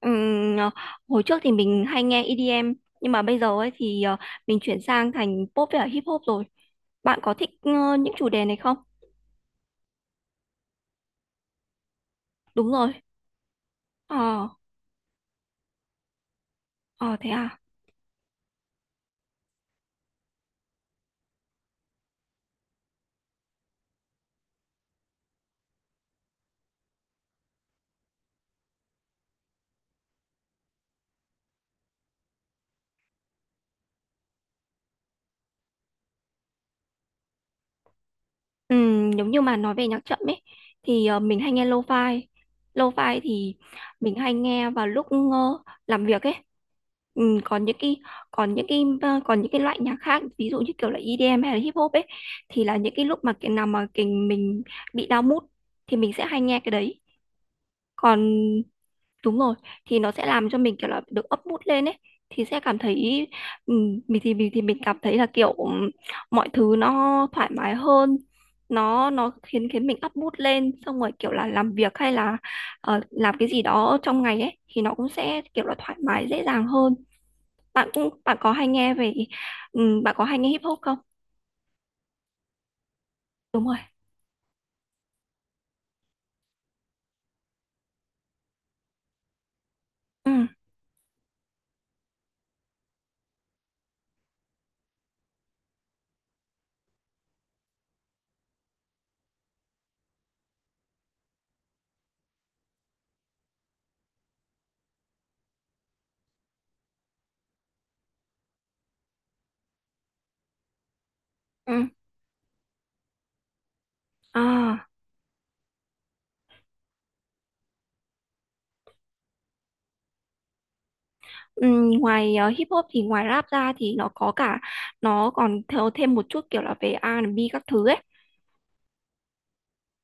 Ừm, ờ, hồi trước thì mình hay nghe EDM nhưng mà bây giờ ấy thì mình chuyển sang thành pop với cả hip hop rồi. Bạn có thích những chủ đề này không? Đúng rồi. Ờ. ờ Thế à. Giống như mà nói về nhạc chậm ấy thì mình hay nghe lo-fi. Lo-fi thì mình hay nghe vào lúc làm việc ấy. Còn những cái loại nhạc khác, ví dụ như kiểu là EDM hay là hip hop ấy, thì là những cái lúc mà cái nào mà cái mình bị down mood thì mình sẽ hay nghe cái đấy. Còn, đúng rồi, thì nó sẽ làm cho mình kiểu là được up mood lên ấy, thì sẽ cảm thấy mình cảm thấy là kiểu mọi thứ nó thoải mái hơn. Nó khiến khiến mình up mood lên, xong rồi kiểu là làm việc hay là làm cái gì đó trong ngày ấy thì nó cũng sẽ kiểu là thoải mái dễ dàng hơn. bạn cũng bạn có hay nghe về Bạn có hay nghe hip hop không? Đúng rồi. Ừ, ừ. À. Ngoài hip hop thì ngoài rap ra thì nó có cả nó còn theo thêm một chút kiểu là về R&B các thứ ấy.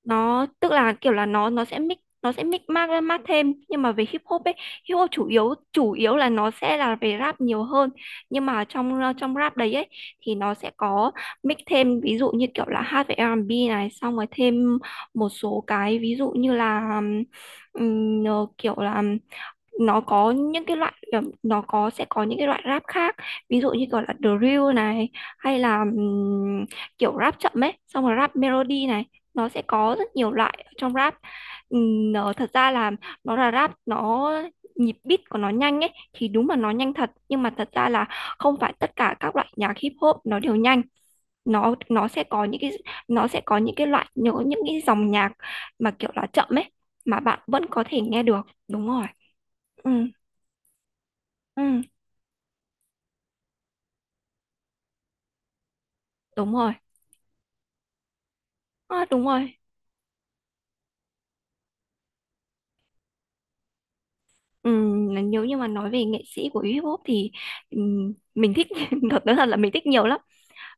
Nó tức là kiểu là nó sẽ mix mát mát thêm, nhưng mà về hip hop ấy, hip hop chủ yếu là nó sẽ là về rap nhiều hơn. Nhưng mà trong rap đấy ấy thì nó sẽ có mix thêm, ví dụ như kiểu là hát về R&B này, xong rồi thêm một số cái ví dụ như là kiểu là nó có những cái loại nó có sẽ có những cái loại rap khác, ví dụ như gọi là drill này, hay là kiểu rap chậm ấy, xong rồi rap melody này, nó sẽ có rất nhiều loại ở trong rap. Nó thật ra là nó là rap nó nhịp beat của nó nhanh ấy, thì đúng là nó nhanh thật, nhưng mà thật ra là không phải tất cả các loại nhạc hip hop nó đều nhanh. Nó sẽ có những cái loại nhớ những cái dòng nhạc mà kiểu là chậm ấy, mà bạn vẫn có thể nghe được. Đúng rồi. Ừ. Ừ, đúng rồi. À, đúng rồi. Ừ, nếu như mà nói về nghệ sĩ của hip-hop thì mình thích nói thật là mình thích nhiều lắm.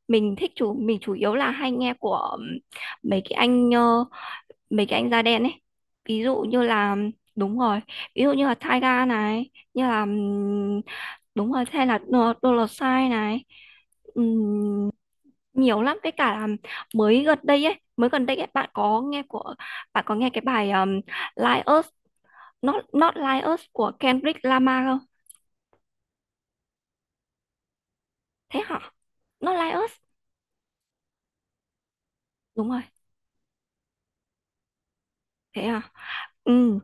Mình chủ yếu là hay nghe của mấy cái anh da đen ấy. Ví dụ như là, đúng rồi, ví dụ như là Tyga này, như là, đúng rồi, hay là Dollar Sign này. Ừm, Nhiều lắm cái cả là mới gần đây ấy, bạn có nghe của bạn có nghe cái bài Like Us Not Not Like Us của Kendrick Lamar không? Thế hả? Not Like Us. Đúng rồi, thế à? Ừ,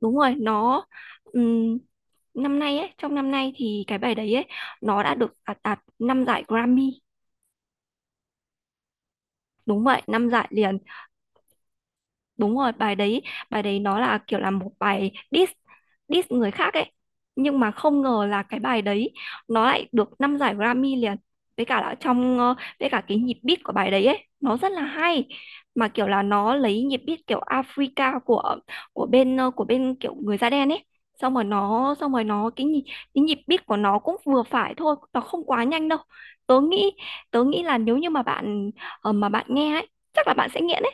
đúng rồi, nó ừm, trong năm nay thì cái bài đấy ấy nó đã được đạt đạt 5 giải Grammy. Đúng vậy, 5 giải liền. Đúng rồi. Bài đấy, nó là kiểu là một bài diss, người khác ấy, nhưng mà không ngờ là cái bài đấy nó lại được năm giải Grammy liền. Với cả là với cả cái nhịp beat của bài đấy ấy nó rất là hay, mà kiểu là nó lấy nhịp beat kiểu Africa của của bên kiểu người da đen ấy, xong rồi nó cái nhịp beat của nó cũng vừa phải thôi, nó không quá nhanh đâu. tớ nghĩ Tớ nghĩ là nếu như mà mà bạn nghe ấy, chắc là bạn sẽ nghiện ấy.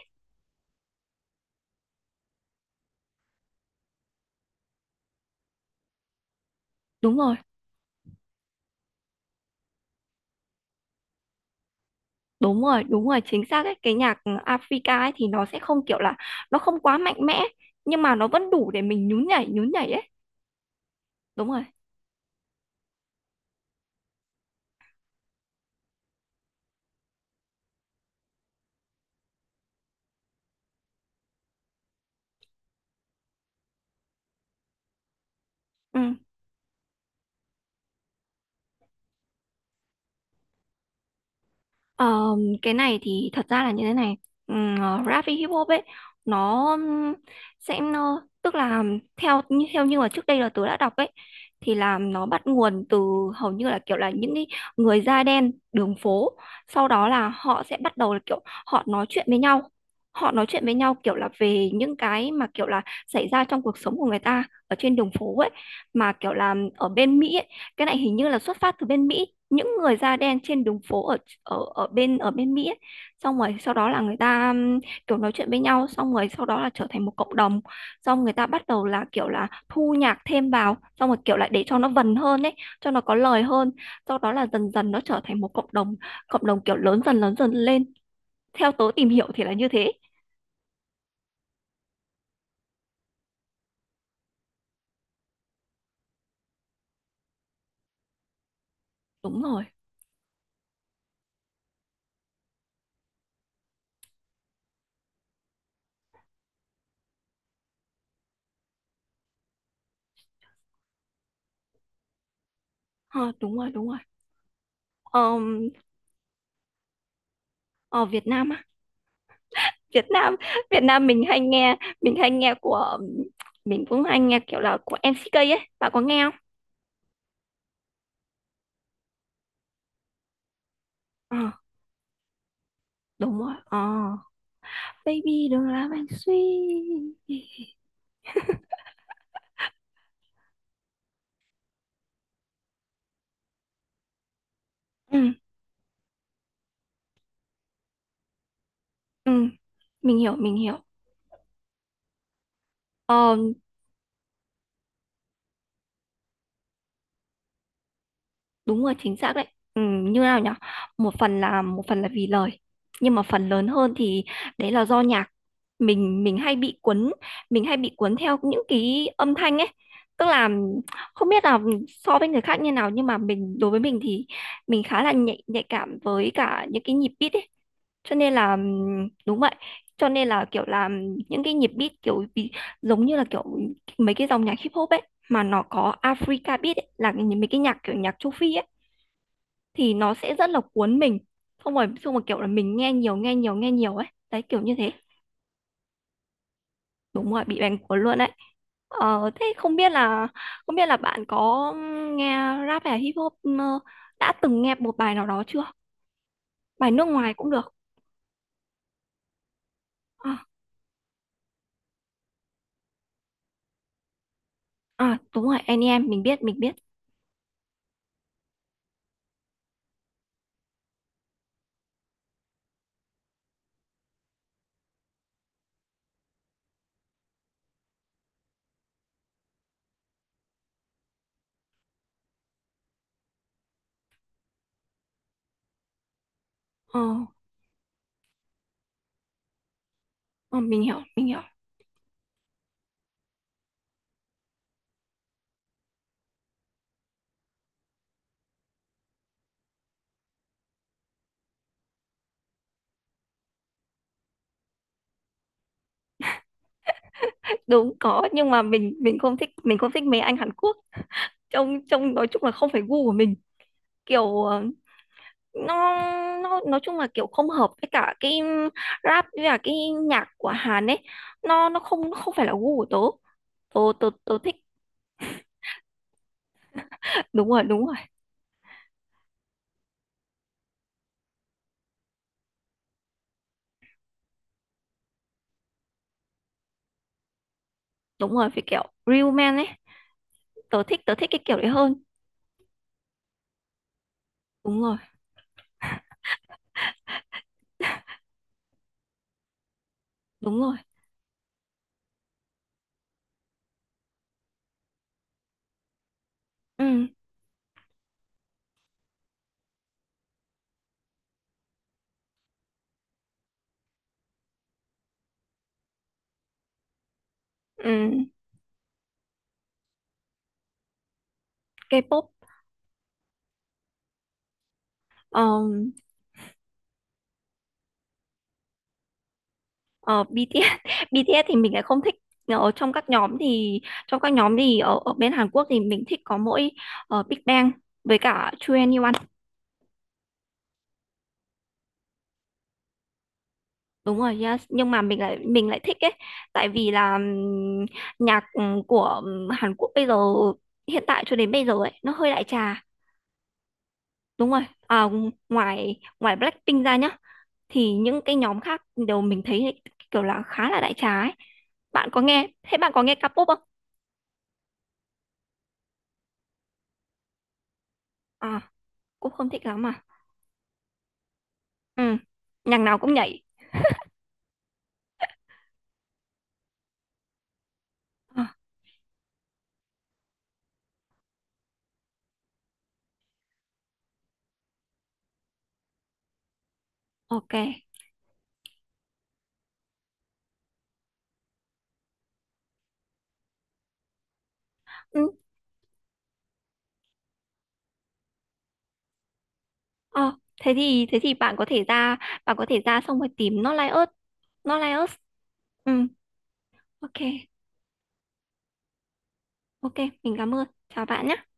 Đúng rồi. Đúng rồi, đúng rồi, chính xác ấy. Cái nhạc Africa ấy thì nó sẽ không kiểu là nó không quá mạnh mẽ, nhưng mà nó vẫn đủ để mình nhún nhảy ấy. Đúng rồi. Ừ. Ờ, cái này thì thật ra là như thế này. um, Rap với hip hop ấy, nó tức là theo như mà trước đây là tôi đã đọc ấy, thì là nó bắt nguồn từ hầu như là kiểu là những cái người da đen đường phố. Sau đó là họ sẽ bắt đầu là kiểu họ nói chuyện với nhau, kiểu là về những cái mà kiểu là xảy ra trong cuộc sống của người ta ở trên đường phố ấy, mà kiểu là ở bên Mỹ ấy. Cái này hình như là xuất phát từ bên Mỹ, những người da đen trên đường phố ở ở ở bên Mỹ ấy. Xong rồi sau đó là người ta kiểu nói chuyện với nhau, xong rồi sau đó là trở thành một cộng đồng. Xong người ta bắt đầu là kiểu là thu nhạc thêm vào, xong rồi kiểu lại để cho nó vần hơn ấy, cho nó có lời hơn. Sau đó là dần dần nó trở thành một cộng đồng, kiểu lớn dần lên. Theo tớ tìm hiểu thì là như thế. Đúng rồi. Ờ, đúng rồi, đúng rồi. Ờm, Ở Việt Nam á. Việt Nam Việt Nam mình hay nghe của mình cũng hay nghe kiểu là của MCK ấy, bạn có nghe không? Ờ, đúng rồi. Ờ Baby đừng làm anh suy. Ừ, ừ. Mình hiểu. ờ Đúng rồi, chính xác đấy. Như nào nhỉ. Một phần là, vì lời, nhưng mà phần lớn hơn thì đấy là do nhạc. Mình hay bị cuốn, theo những cái âm thanh ấy, tức là không biết là so với người khác như nào, nhưng mà đối với mình thì mình khá là nhạy nhạy cảm với cả những cái nhịp beat ấy, cho nên là đúng vậy, cho nên là kiểu là những cái nhịp beat kiểu bị giống như là kiểu mấy cái dòng nhạc hip hop ấy mà nó có Africa beat ấy, là mấy cái nhạc kiểu nhạc châu Phi ấy, thì nó sẽ rất là cuốn mình. Không phải, xong rồi kiểu là mình nghe nhiều nghe nhiều nghe nhiều ấy đấy, kiểu như thế. Đúng rồi, bị bành cuốn luôn đấy. Thế không biết là, bạn có nghe rap hay hip hop, đã từng nghe một bài nào đó chưa. Bài nước ngoài cũng được. À, à, đúng rồi, anh em mình biết mình biết. ờ, ờ, mình hiểu mình hiểu. Đúng, có, nhưng mà mình không thích, mấy anh Hàn Quốc. Trông Trông nói chung là không phải gu của mình. Kiểu nó nó nói chung là kiểu không hợp với cả cái rap, với cả cái nhạc của Hàn ấy. Nó không phải là gu của tớ tớ tớ tớ thích. Đúng rồi, đúng rồi, đúng rồi, phải kiểu real man ấy. Tớ thích cái kiểu đấy hơn. Đúng rồi, đúng rồi. Ừ, ừ. K-pop. um, ờ, BTS, thì mình lại không thích. Ở trong các nhóm thì Trong các nhóm thì ở bên Hàn Quốc thì mình thích có mỗi Big Bang với cả 2NE1. Đúng rồi nhá, nhưng mà mình lại thích ấy, tại vì là nhạc của Hàn Quốc bây giờ hiện tại cho đến bây giờ ấy nó hơi đại trà. Đúng rồi. À, ngoài ngoài Blackpink ra nhá thì những cái nhóm khác đều mình thấy kiểu là khá là đại trà ấy. Thế bạn có nghe K-pop không? À, cũng không thích lắm à. Ừ, nhạc nào cũng nhảy. À, ok. Ừ, ờ, Thế thì bạn có thể ra xong rồi tìm Not Like Us, Not Like Us. Ừ, ok. Ok, mình cảm ơn. Chào bạn nhé.